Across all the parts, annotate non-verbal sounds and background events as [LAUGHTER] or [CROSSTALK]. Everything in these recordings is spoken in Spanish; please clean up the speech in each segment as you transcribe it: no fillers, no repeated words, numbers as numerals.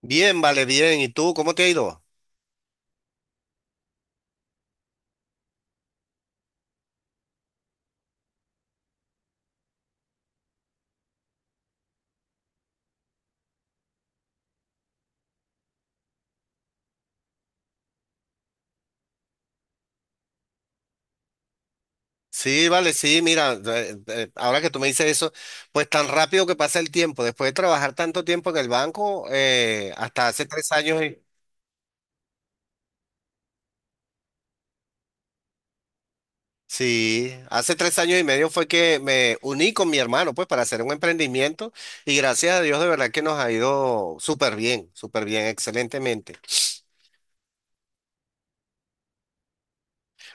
Bien, vale, bien. ¿Y tú cómo te ha ido? Sí, vale, sí, mira, ahora que tú me dices eso, pues tan rápido que pasa el tiempo, después de trabajar tanto tiempo en el banco, hasta hace tres años, y- sí, hace tres años y medio fue que me uní con mi hermano, pues para hacer un emprendimiento y gracias a Dios de verdad que nos ha ido súper bien, excelentemente.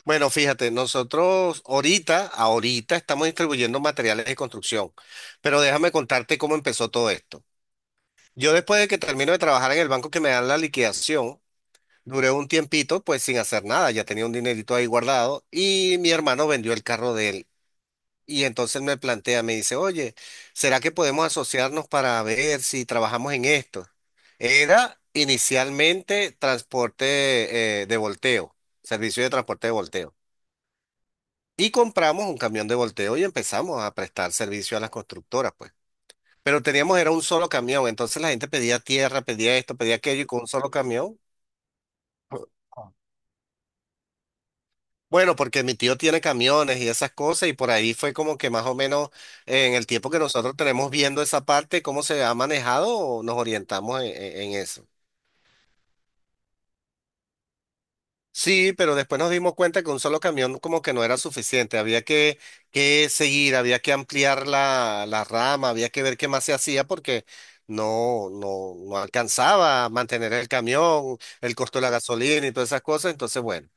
Bueno, fíjate, nosotros ahorita estamos distribuyendo materiales de construcción, pero déjame contarte cómo empezó todo esto. Yo después de que termino de trabajar en el banco que me dan la liquidación, duré un tiempito pues sin hacer nada, ya tenía un dinerito ahí guardado y mi hermano vendió el carro de él. Y entonces me plantea, me dice, oye, ¿será que podemos asociarnos para ver si trabajamos en esto? Era inicialmente transporte de volteo, servicio de transporte de volteo. Y compramos un camión de volteo y empezamos a prestar servicio a las constructoras, pues. Pero teníamos, era un solo camión, entonces la gente pedía tierra, pedía esto, pedía aquello y con un solo camión. Bueno, porque mi tío tiene camiones y esas cosas y por ahí fue como que más o menos en el tiempo que nosotros tenemos viendo esa parte, cómo se ha manejado, nos orientamos en eso. Sí, pero después nos dimos cuenta que un solo camión como que no era suficiente, había que seguir, había que ampliar la rama, había que ver qué más se hacía porque no alcanzaba a mantener el camión, el costo de la gasolina y todas esas cosas, entonces bueno.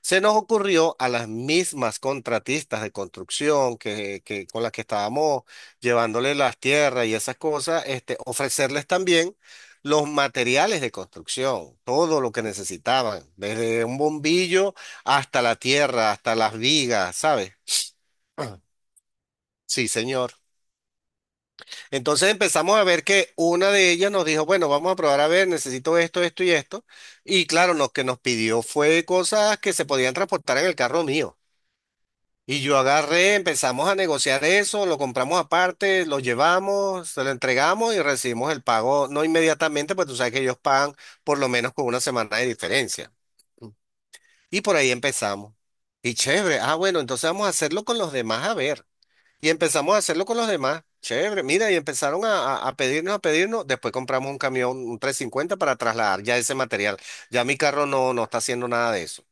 Se nos ocurrió a las mismas contratistas de construcción con las que estábamos llevándole las tierras y esas cosas, este, ofrecerles también los materiales de construcción, todo lo que necesitaban, desde un bombillo hasta la tierra, hasta las vigas, ¿sabes? [CLEARS THROAT] Sí, señor. Entonces empezamos a ver que una de ellas nos dijo, bueno, vamos a probar a ver, necesito esto, esto y esto. Y claro, lo que nos pidió fue cosas que se podían transportar en el carro mío. Y yo agarré, empezamos a negociar eso, lo compramos aparte, lo llevamos, se lo entregamos y recibimos el pago, no inmediatamente, pues tú sabes que ellos pagan por lo menos con una semana de diferencia. Y por ahí empezamos. Y chévere, ah, bueno, entonces vamos a hacerlo con los demás, a ver. Y empezamos a hacerlo con los demás. Chévere, mira, y empezaron a pedirnos, a pedirnos. Después compramos un camión, un 350 para trasladar ya ese material. Ya mi carro no, no está haciendo nada de eso.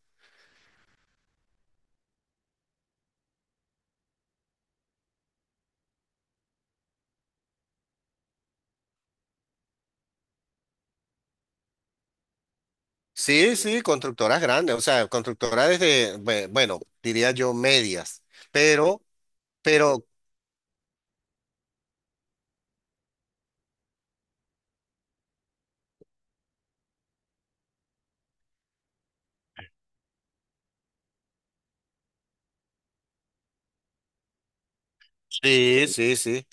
Sí, sí, constructoras grandes, o sea, constructoras desde, bueno, diría yo medias, pero, pero, sí, sí, sí,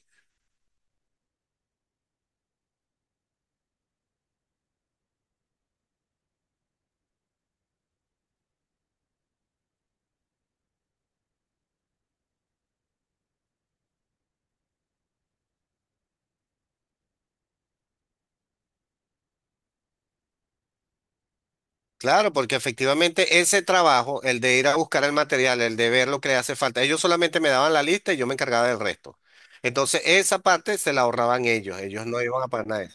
claro, porque efectivamente ese trabajo, el de ir a buscar el material, el de ver lo que le hace falta, ellos solamente me daban la lista y yo me encargaba del resto. Entonces, esa parte se la ahorraban ellos, ellos no iban a pagar nada.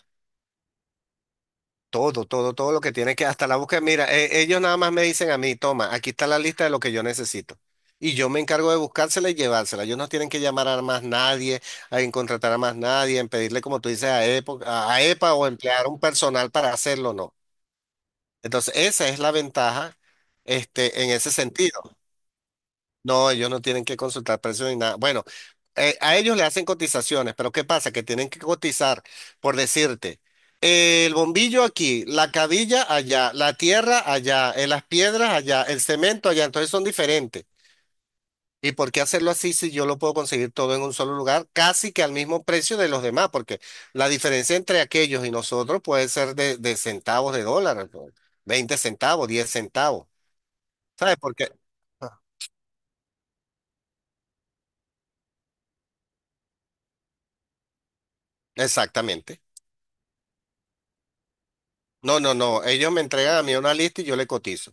Todo, todo, todo lo que tiene que, hasta la búsqueda. Mira, ellos nada más me dicen a mí, toma, aquí está la lista de lo que yo necesito. Y yo me encargo de buscársela y llevársela. Ellos no tienen que llamar a más nadie, a en contratar a más nadie, en pedirle, como tú dices, a EPO a a EPA o emplear un personal para hacerlo, no. Entonces, esa es la ventaja, este, en ese sentido. No, ellos no tienen que consultar precios ni nada. Bueno, a ellos le hacen cotizaciones, pero ¿qué pasa? Que tienen que cotizar, por decirte, el bombillo aquí, la cabilla allá, la tierra allá, las piedras allá, el cemento allá, entonces son diferentes. ¿Y por qué hacerlo así si yo lo puedo conseguir todo en un solo lugar, casi que al mismo precio de los demás? Porque la diferencia entre aquellos y nosotros puede ser de centavos de dólar, ¿no? 20 centavos, 10 centavos. ¿Sabes? Porque, ah, exactamente. No, no, no. Ellos me entregan a mí una lista y yo le cotizo.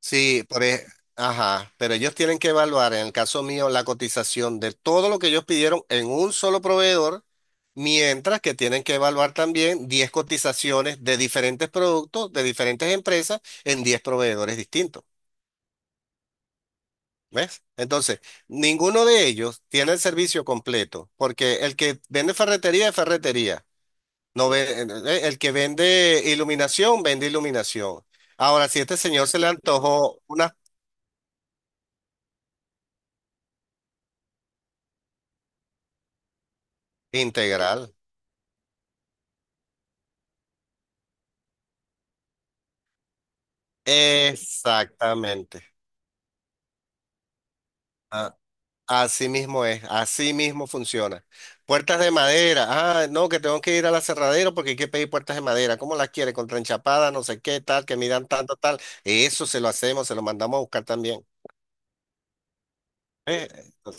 Sí, por e- ajá, pero ellos tienen que evaluar, en el caso mío, la cotización de todo lo que ellos pidieron en un solo proveedor, mientras que tienen que evaluar también 10 cotizaciones de diferentes productos, de diferentes empresas, en 10 proveedores distintos. ¿Ves? Entonces, ninguno de ellos tiene el servicio completo, porque el que vende ferretería es ferretería. No ve- el que vende iluminación, vende iluminación. Ahora, si a este señor se le antojó una integral. Exactamente. A- Así mismo es, así mismo funciona. Puertas de madera. Ah, no, que tengo que ir a la cerradera porque hay que pedir puertas de madera. ¿Cómo las quiere? Con tranchapada, no sé qué, tal, que midan tanto, tal. Eso se lo hacemos, se lo mandamos a buscar también. Eh, eh,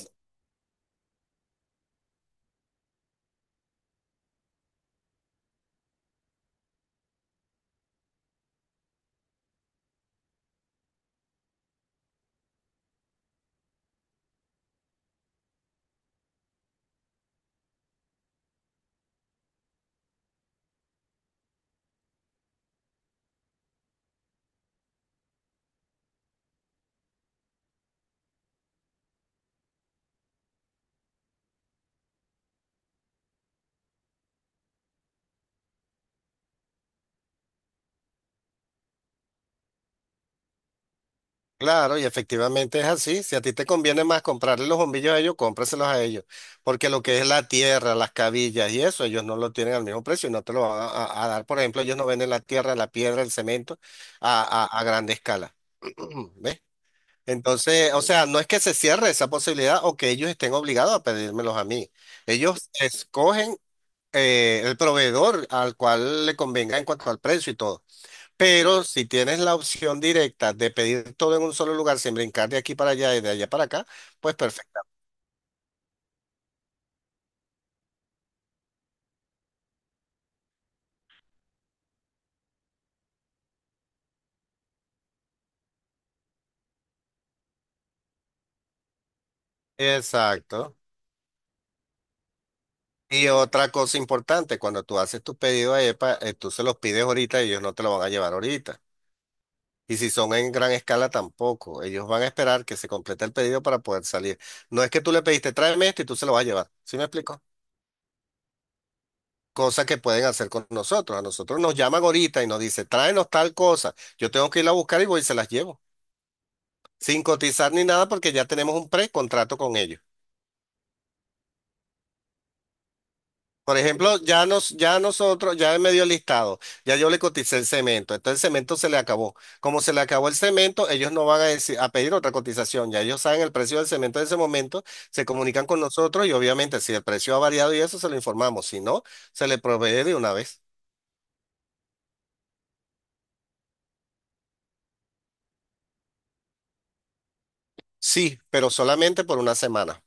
Claro, y efectivamente es así. Si a ti te conviene más comprarle los bombillos a ellos, cómpraselos a ellos. Porque lo que es la tierra, las cabillas y eso, ellos no lo tienen al mismo precio y no te lo van a dar. Por ejemplo, ellos no venden la tierra, la piedra, el cemento a grande escala. [CLEARS THROAT] ¿Ves? Entonces, o sea, no es que se cierre esa posibilidad o que ellos estén obligados a pedírmelos a mí. Ellos escogen el proveedor al cual le convenga en cuanto al precio y todo. Pero si tienes la opción directa de pedir todo en un solo lugar sin brincar de aquí para allá y de allá para acá, pues perfecto. Exacto. Y otra cosa importante, cuando tú haces tu pedido a EPA, tú se los pides ahorita y ellos no te lo van a llevar ahorita. Y si son en gran escala tampoco, ellos van a esperar que se complete el pedido para poder salir. No es que tú le pediste, tráeme esto y tú se lo vas a llevar. ¿Sí me explico? Cosa que pueden hacer con nosotros. A nosotros nos llaman ahorita y nos dice tráenos tal cosa. Yo tengo que ir a buscar y voy y se las llevo, sin cotizar ni nada porque ya tenemos un precontrato con ellos. Por ejemplo, ya nosotros, ya me dio el listado, ya yo le coticé el cemento, entonces el cemento se le acabó. Como se le acabó el cemento, ellos no van a decir, a pedir otra cotización, ya ellos saben el precio del cemento en ese momento, se comunican con nosotros y obviamente si el precio ha variado y eso se lo informamos, si no, se le provee de una vez. Sí, pero solamente por una semana.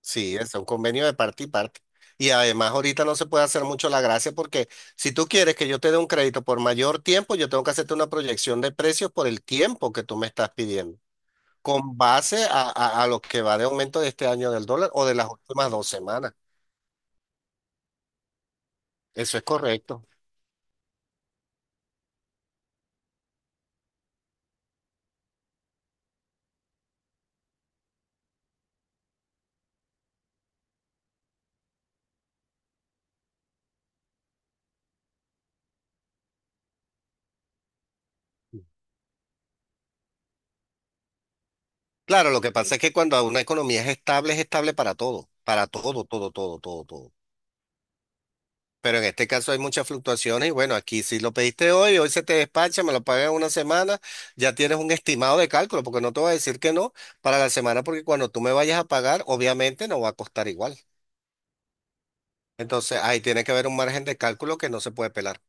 Sí, es un convenio de parte y parte. Y además ahorita no se puede hacer mucho la gracia porque si tú quieres que yo te dé un crédito por mayor tiempo, yo tengo que hacerte una proyección de precios por el tiempo que tú me estás pidiendo, con base a lo que va de aumento de este año del dólar o de las últimas dos semanas. Eso es correcto. Claro, lo que pasa es que cuando una economía es estable para todo, todo, todo, todo, todo. Pero en este caso hay muchas fluctuaciones y bueno, aquí si lo pediste hoy, hoy se te despacha, me lo pagas en una semana, ya tienes un estimado de cálculo, porque no te voy a decir que no para la semana, porque cuando tú me vayas a pagar, obviamente no va a costar igual. Entonces ahí tiene que haber un margen de cálculo que no se puede pelar.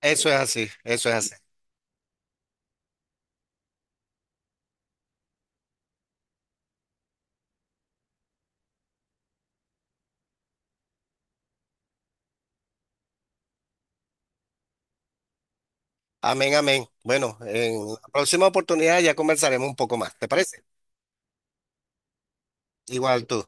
Eso es así, eso es así. Amén, amén. Bueno, en la próxima oportunidad ya conversaremos un poco más, ¿te parece? Igual tú.